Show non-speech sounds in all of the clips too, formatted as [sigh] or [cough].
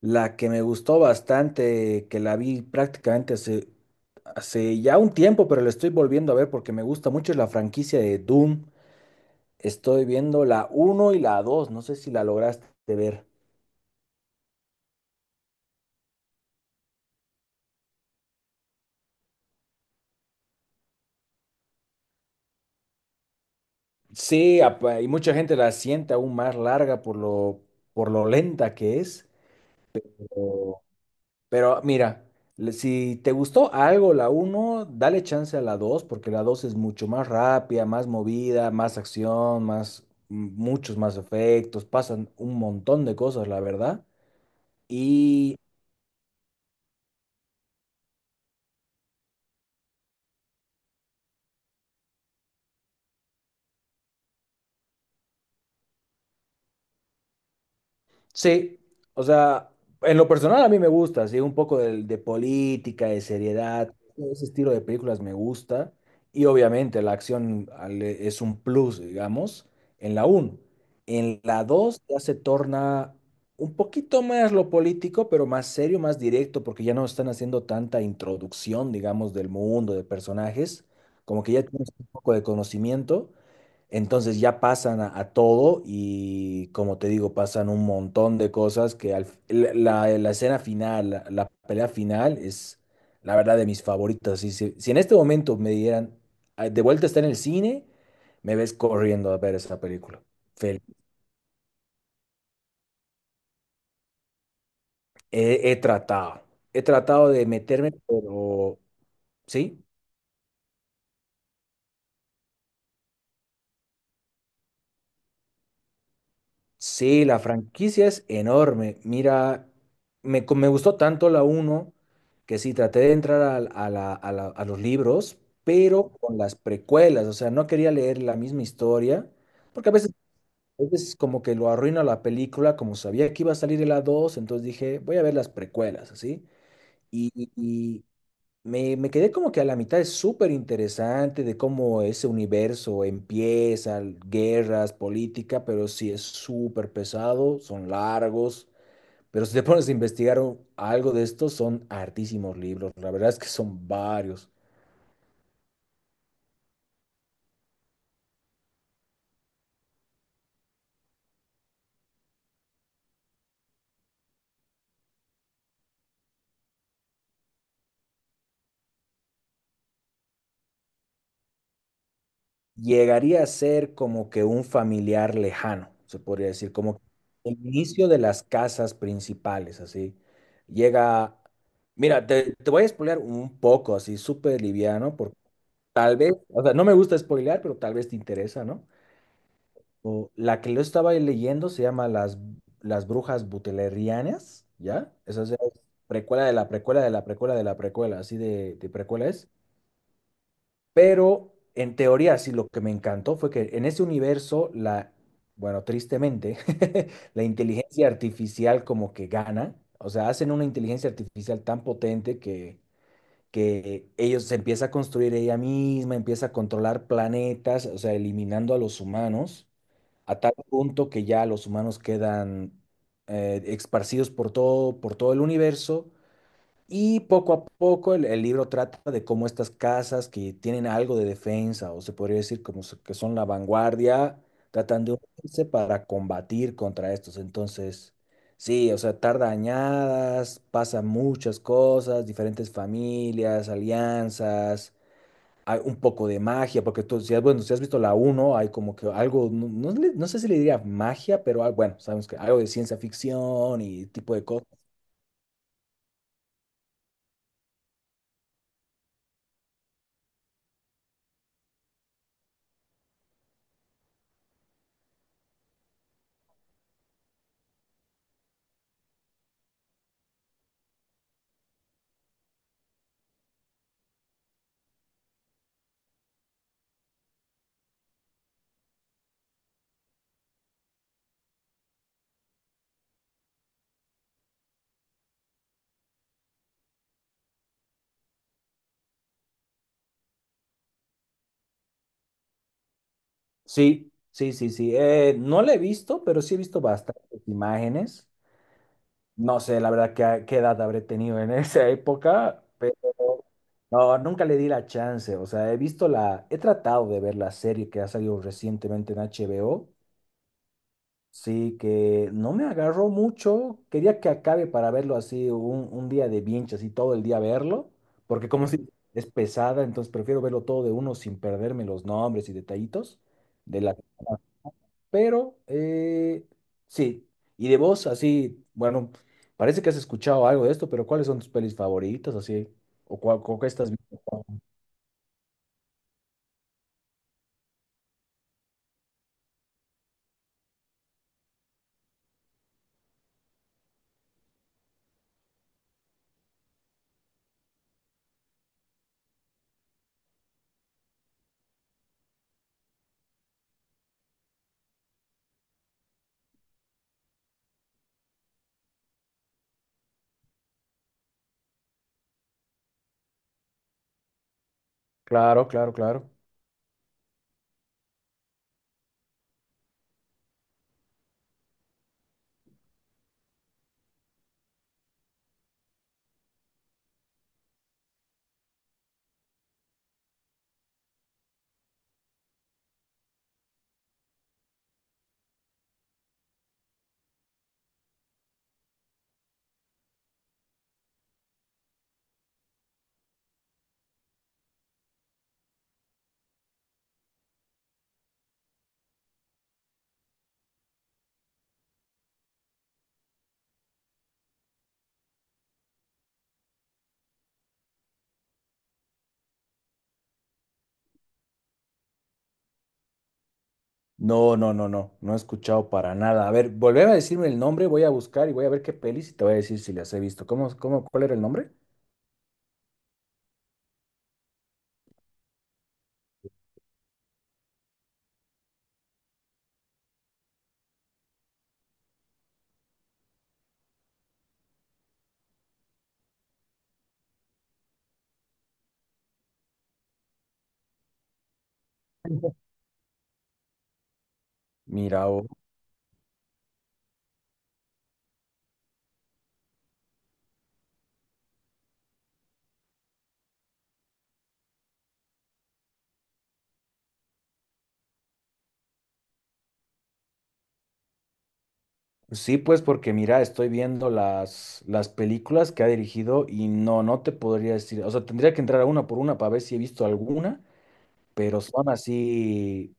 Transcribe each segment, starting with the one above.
La que me gustó bastante, que la vi prácticamente hace ya un tiempo, pero la estoy volviendo a ver porque me gusta mucho, es la franquicia de Doom. Estoy viendo la uno y la dos, no sé si la lograste ver. Sí, y mucha gente la siente aún más larga por lo lenta que es. Pero mira, si te gustó algo la uno, dale chance a la 2 porque la 2 es mucho más rápida, más movida, más acción, muchos más efectos, pasan un montón de cosas, la verdad. Y sí, o sea, en lo personal a mí me gusta, sí, un poco de política, de seriedad, ese estilo de películas me gusta y obviamente la acción es un plus, digamos, en la uno. En la 2 ya se torna un poquito más lo político, pero más serio, más directo, porque ya no están haciendo tanta introducción, digamos, del mundo, de personajes, como que ya tienes un poco de conocimiento. Entonces ya pasan a todo y, como te digo, pasan un montón de cosas que la escena final, la pelea final es la verdad de mis favoritas. Si en este momento me dieran, "Ah, de vuelta está en el cine", me ves corriendo a ver esa película. Fel- he, he tratado, he tratado de meterme, pero sí. Sí, la franquicia es enorme. Mira, me gustó tanto la uno que sí, traté de entrar a los libros, pero con las precuelas. O sea, no quería leer la misma historia, porque a veces como que lo arruina la película. Como sabía que iba a salir en la 2, entonces dije, voy a ver las precuelas, así. Y me quedé como que a la mitad. Es súper interesante de cómo ese universo empieza, guerras, política, pero sí es súper pesado, son largos, pero si te [laughs] pones a investigar algo de esto, son hartísimos libros, la verdad es que son varios. Llegaría a ser como que un familiar lejano, se podría decir, como el inicio de las casas principales, así. Llega, mira, te voy a spoilear un poco, así, súper liviano. Tal vez, o sea, no me gusta spoilear, pero tal vez te interesa, ¿no? O, la que lo estaba leyendo se llama Las Brujas Butlerianas, ¿ya? Esa es precuela de la precuela de la precuela de la precuela, así de precuela es. Pero en teoría, sí, lo que me encantó fue que en ese universo, bueno, tristemente, [laughs] la inteligencia artificial como que gana. O sea, hacen una inteligencia artificial tan potente que ellos se empieza a construir ella misma, empieza a controlar planetas, o sea, eliminando a los humanos, a tal punto que ya los humanos quedan esparcidos por todo el universo, y poco a poco el libro trata de cómo estas casas que tienen algo de defensa, o se podría decir como que son la vanguardia, tratan de unirse para combatir contra estos. Entonces, sí, o sea, tarda añadas, pasan muchas cosas, diferentes familias, alianzas, hay un poco de magia, porque tú, si has, bueno, si has visto la uno hay como que algo, no sé si le diría magia, pero ah, bueno, sabemos que algo de ciencia ficción y tipo de cosas. Sí, sí, sí, sí. No la he visto, pero sí he visto bastantes imágenes. No sé, la verdad, qué edad habré tenido en [laughs] esa época, pero no, nunca le di la chance. O sea, he visto la, he tratado de ver la serie que ha salido recientemente en HBO. Sí, que no me agarró mucho. Quería que acabe para verlo así un día de binge, así todo el día verlo, porque como si es pesada, entonces prefiero verlo todo de uno sin perderme los nombres y detallitos. De la, pero eh, sí, y de vos, así, bueno, parece que has escuchado algo de esto, pero ¿cuáles son tus pelis favoritas, así? ¿O cuál, o qué estás viendo? Claro, claro, claro. No, no, no, no, no he escuchado para nada. A ver, volver a decirme el nombre, voy a buscar y voy a ver qué pelis y te voy a decir si las he visto. Cuál era el nombre? [laughs] Mira, sí, pues porque mira, estoy viendo las películas que ha dirigido y no, no te podría decir, o sea, tendría que entrar a una por una para ver si he visto alguna, pero son así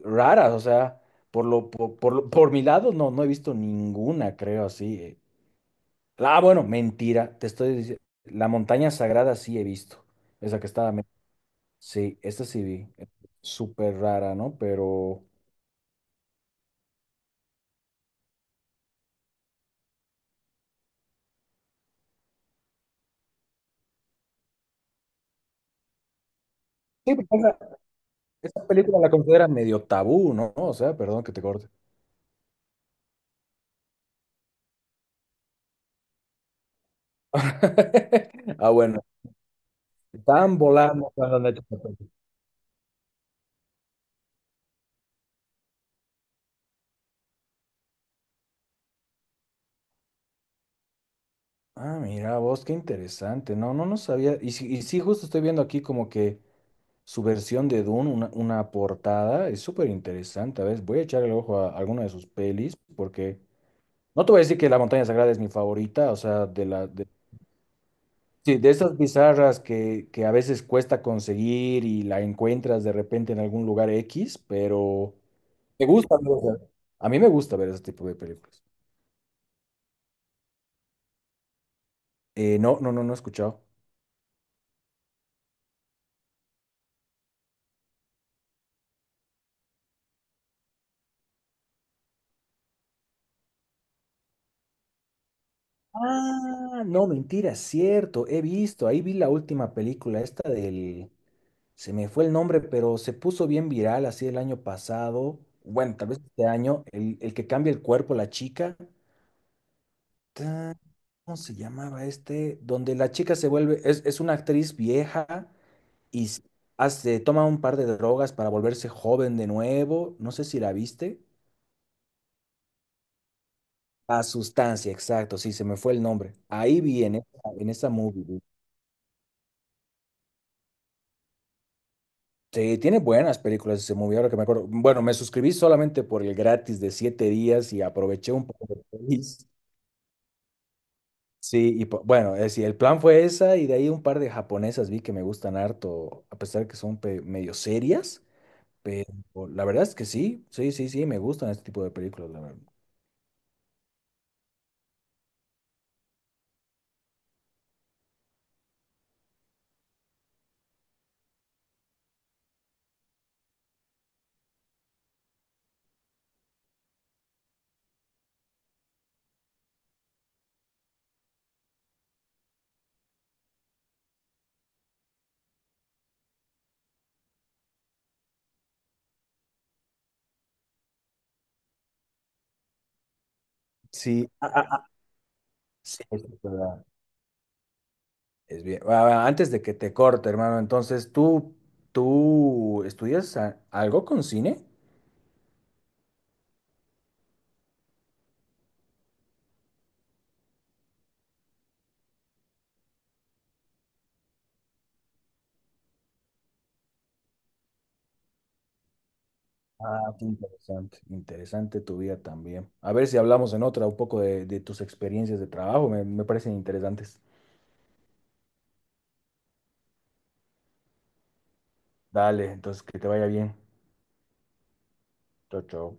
raras, o sea, por mi lado no, no he visto ninguna, creo, así. Ah, bueno, mentira, te estoy diciendo, La Montaña Sagrada sí he visto, esa que sí, esta sí vi, súper rara, ¿no? Pero sí, porque esa película la consideran medio tabú, ¿no? O sea, perdón que te corte. [laughs] Ah, bueno, estaban volando cuando han hecho esta película. Ah, mira vos, qué interesante. No, no, no sabía. Y sí, justo estoy viendo aquí como que su versión de Dune, una portada, es súper interesante. A ver, voy a echarle el ojo a alguna de sus pelis, porque no te voy a decir que La Montaña Sagrada es mi favorita, o sea, sí, de esas bizarras que a veces cuesta conseguir y la encuentras de repente en algún lugar X, pero me gusta. ¿No? O sea, a mí me gusta ver ese tipo de películas. No, no, no, no he escuchado. Ah, no, mentira, cierto, he visto, ahí vi la última película, esta se me fue el nombre, pero se puso bien viral así el año pasado, bueno, tal vez este año, el que cambia el cuerpo, la chica. Ta- ¿Cómo se llamaba este? Donde la chica se vuelve, es una actriz vieja y hace, toma un par de drogas para volverse joven de nuevo, no sé si la viste. La sustancia, exacto, sí, se me fue el nombre. Ahí vi en esa movie vi. Sí, tiene buenas películas ese movie, ahora que me acuerdo. Bueno, me suscribí solamente por el gratis de siete días y aproveché un poco de pelis. Sí, y bueno, es decir, el plan fue esa y de ahí un par de japonesas vi que me gustan harto, a pesar que son medio serias, pero la verdad es que sí, sí, sí, sí, me gustan este tipo de películas, la verdad. Sí, ah, ah, ah, sí, es verdad, es bien. Ah, ah, antes de que te corte, hermano, entonces, ¿tú, tú estudias algo con cine? Ah, qué interesante, interesante tu vida también. A ver si hablamos en otra un poco de tus experiencias de trabajo, me parecen interesantes. Dale, entonces que te vaya bien. Chao, chao.